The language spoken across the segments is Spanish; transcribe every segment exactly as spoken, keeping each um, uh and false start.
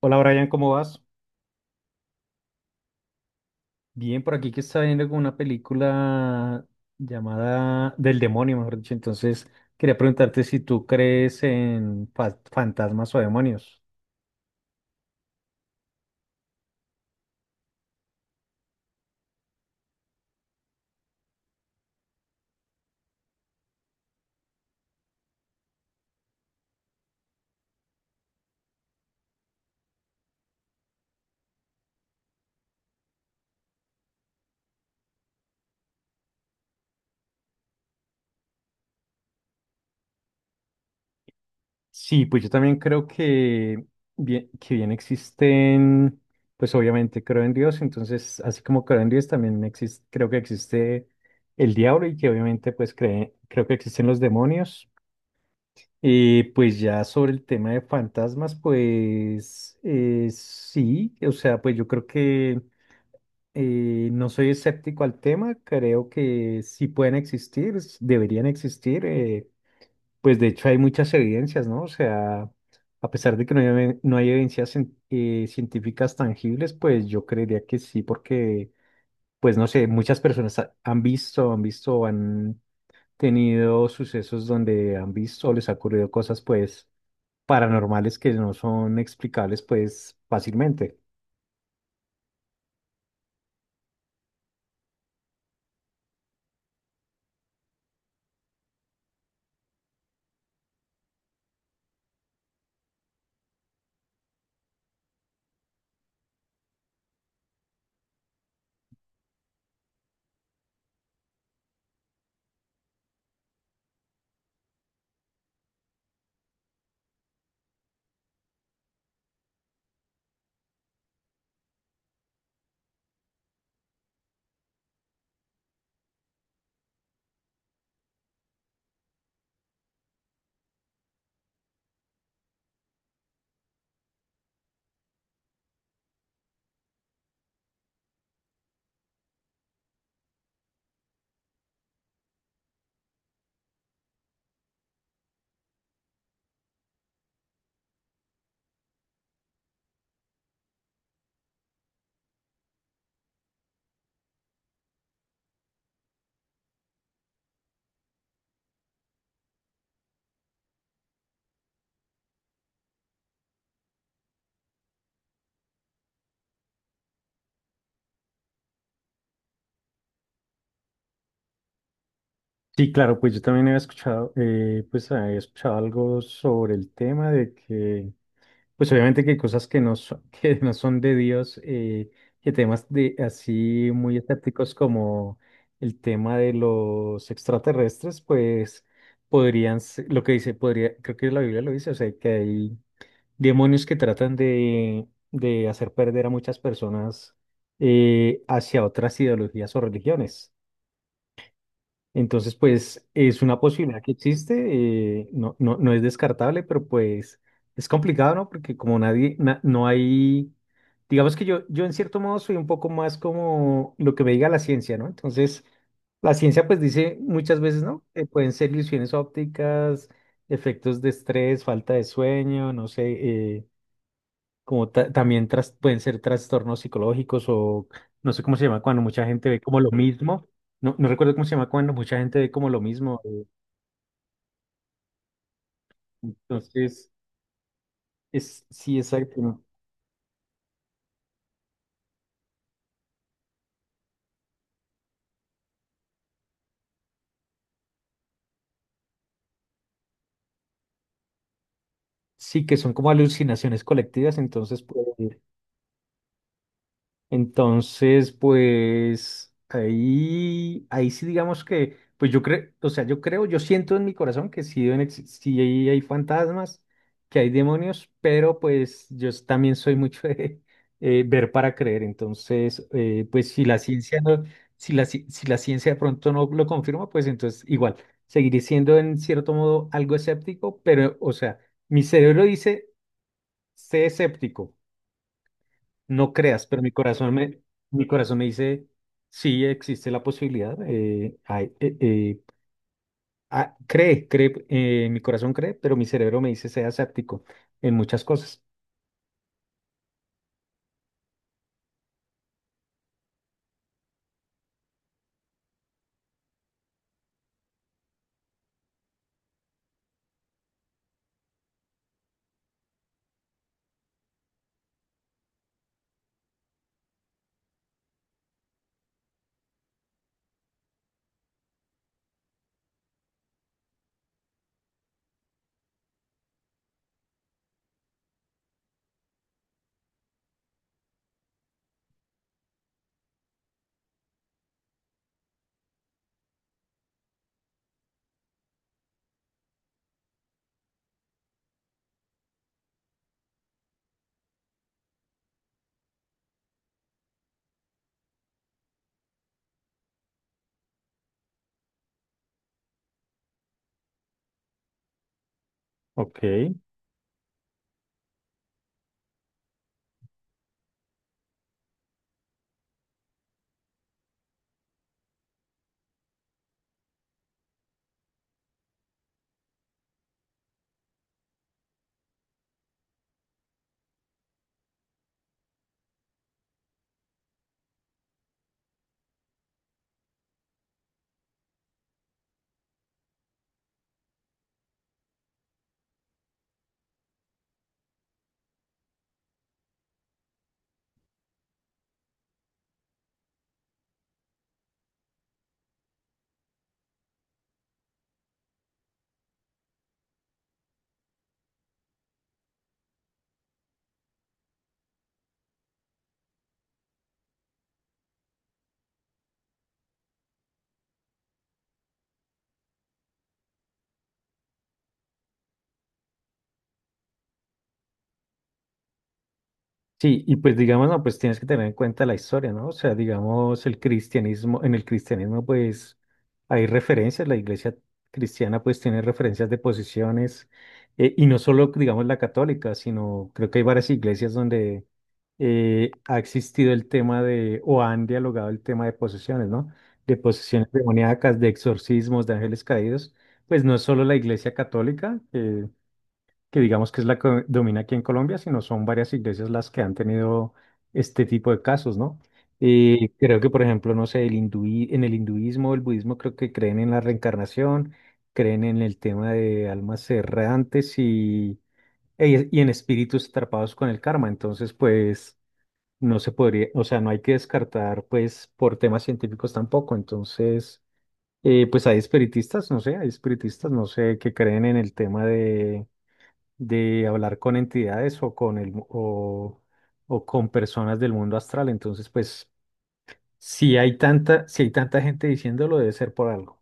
Hola Brian, ¿cómo vas? Bien, por aquí que está viendo como una película llamada Del Demonio, mejor dicho. Entonces, quería preguntarte si tú crees en fa- fantasmas o demonios. Sí, pues yo también creo que bien, que bien existen, pues obviamente creo en Dios, entonces así como creo en Dios también existe, creo que existe el diablo y que obviamente pues cree, creo que existen los demonios. Eh, pues ya sobre el tema de fantasmas, pues eh, sí, o sea, pues yo creo que eh, no soy escéptico al tema, creo que sí pueden existir, s- deberían existir, eh, pues de hecho hay muchas evidencias, ¿no? O sea, a pesar de que no hay, evi- no hay evidencias cien- eh, científicas tangibles, pues yo creería que sí, porque, pues no sé, muchas personas ha- han visto, han visto, han tenido sucesos donde han visto, les ha ocurrido cosas, pues paranormales que no son explicables pues fácilmente. Sí, claro, pues yo también había escuchado, eh, pues había escuchado algo sobre el tema de que, pues obviamente que hay cosas que no son, que no son de Dios, eh, que temas de así muy escépticos como el tema de los extraterrestres, pues podrían, se- lo que dice, podría, creo que la Biblia lo dice, o sea, que hay demonios que tratan de, de hacer perder a muchas personas eh, hacia otras ideologías o religiones. Entonces, pues es una posibilidad que existe, eh, no, no, no es descartable, pero pues es complicado, ¿no? Porque como nadie, na- no hay, digamos que yo, yo en cierto modo soy un poco más como lo que me diga la ciencia, ¿no? Entonces, la ciencia pues dice muchas veces, ¿no? Eh, pueden ser ilusiones ópticas, efectos de estrés, falta de sueño, no sé. eh, como ta- también tras- pueden ser trastornos psicológicos o no sé cómo se llama cuando mucha gente ve como lo mismo. No, no recuerdo cómo se llama cuando mucha gente ve como lo mismo. eh, Entonces, es, sí, exacto. ¿no? Sí, que son como alucinaciones colectivas, entonces puede, entonces, pues ahí, ahí sí digamos que, pues yo creo, o sea, yo creo, yo siento en mi corazón que sí, deben exi- sí hay, hay fantasmas, que hay demonios, pero pues yo s- también soy mucho de eh, ver para creer. Entonces, eh, pues si la ciencia no, si la, ci- si la ciencia de pronto no lo confirma, pues entonces igual, seguiré siendo en cierto modo algo escéptico, pero, o sea, mi cerebro dice, sé escéptico, no creas, pero mi corazón me, mi corazón me dice, sí existe la posibilidad. eh, hay- eh, eh, ah, cree, cree, eh, mi corazón cree, pero mi cerebro me dice, sea escéptico en muchas cosas. Ok. Sí, y pues digamos, no, pues tienes que tener en cuenta la historia, ¿no? O sea, digamos, el cristianismo, en el cristianismo pues hay referencias, la iglesia cristiana pues tiene referencias de posiciones, eh, y no solo, digamos, la católica, sino creo que hay varias iglesias donde eh, ha existido el tema de, o han dialogado el tema de posesiones, ¿no? De posesiones demoníacas, de exorcismos, de ángeles caídos, pues no es solo la iglesia católica, eh, que digamos que es la que domina aquí en Colombia, sino son varias iglesias las que han tenido este tipo de casos, ¿no? Eh, creo que, por ejemplo, no sé, el hindui- en el hinduismo, el budismo, creo que creen en la reencarnación, creen en el tema de almas errantes y, e- y en espíritus atrapados con el karma. Entonces, pues, no se podría, o sea, no hay que descartar, pues, por temas científicos tampoco. Entonces, eh, pues hay espiritistas, no sé, hay espiritistas, no sé, que creen en el tema de de hablar con entidades o con el, mu- o, o con personas del mundo astral. Entonces, pues, si hay tanta, si hay tanta gente diciéndolo, debe ser por algo.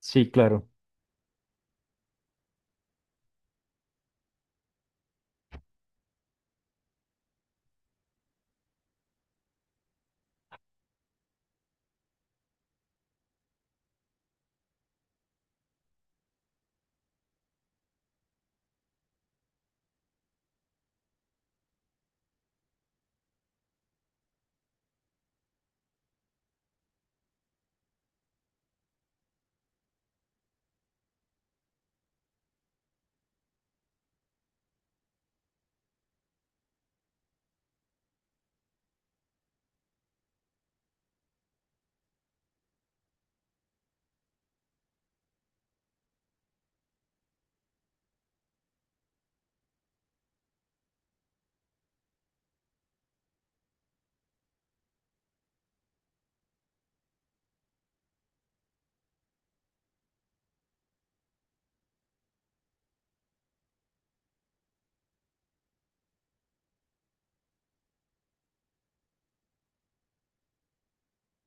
Sí, claro.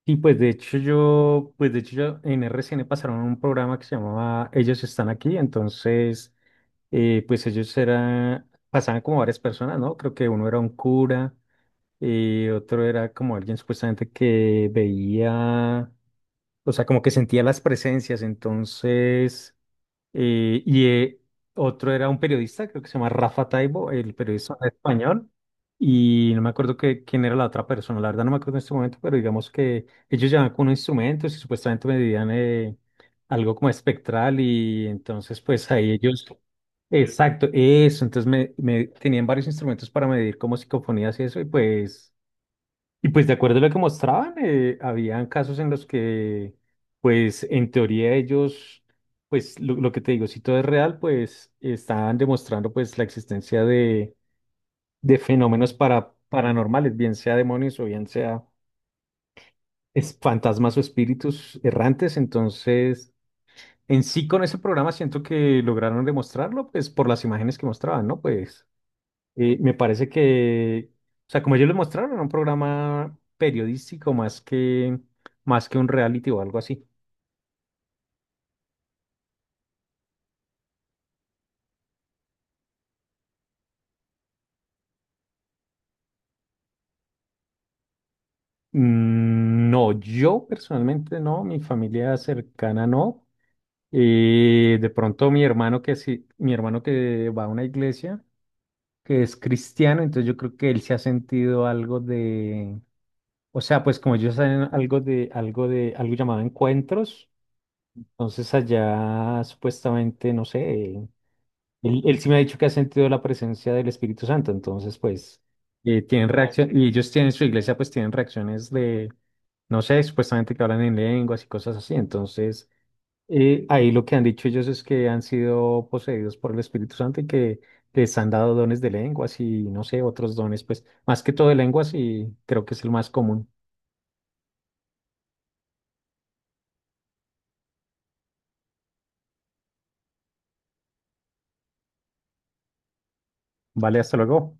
Y pues de hecho yo, pues de hecho yo en R C N pasaron un programa que se llamaba Ellos están aquí. Entonces eh, pues ellos eran, pasaban como varias personas, ¿no? Creo que uno era un cura, eh, otro era como alguien supuestamente que veía, o sea, como que sentía las presencias. Entonces Eh, y eh, otro era un periodista, creo que se llama Rafa Taibo, el periodista español. Y no me acuerdo que, quién era la otra persona, la verdad no me acuerdo en este momento, pero digamos que ellos llevaban con unos instrumentos y supuestamente medían eh, algo como espectral y entonces pues ahí ellos. Exacto, eso. Entonces me, me- tenían varios instrumentos para medir como psicofonías y eso, y pues y pues de acuerdo a lo que mostraban, eh, habían casos en los que, pues en teoría ellos, pues lo, lo que te digo, si todo es real, pues estaban demostrando pues la existencia de, de fenómenos para, paranormales, bien sea demonios o bien sea es- fantasmas o espíritus errantes. Entonces, en sí con ese programa siento que lograron demostrarlo, pues por las imágenes que mostraban, ¿no? Pues eh, me parece que, o sea, como ellos lo mostraron, era un programa periodístico más que, más que un reality o algo así. Mm, No, yo personalmente no, mi familia cercana no. Eh, de pronto mi hermano que sí, mi hermano que va a una iglesia, que es cristiano, entonces yo creo que él se ha sentido algo de, o sea, pues como ellos saben algo de, algo de, algo llamado encuentros, entonces allá supuestamente, no sé. Él, él sí me ha dicho que ha sentido la presencia del Espíritu Santo, entonces pues eh, tienen, Ok, reacción, y ellos tienen su iglesia, pues tienen reacciones de, no sé, supuestamente que hablan en lenguas y cosas así, entonces eh, ahí lo que han dicho ellos es que han sido poseídos por el Espíritu Santo y que les han dado dones de lenguas y no sé, otros dones, pues más que todo de lenguas y creo que es el más común. Vale, hasta luego.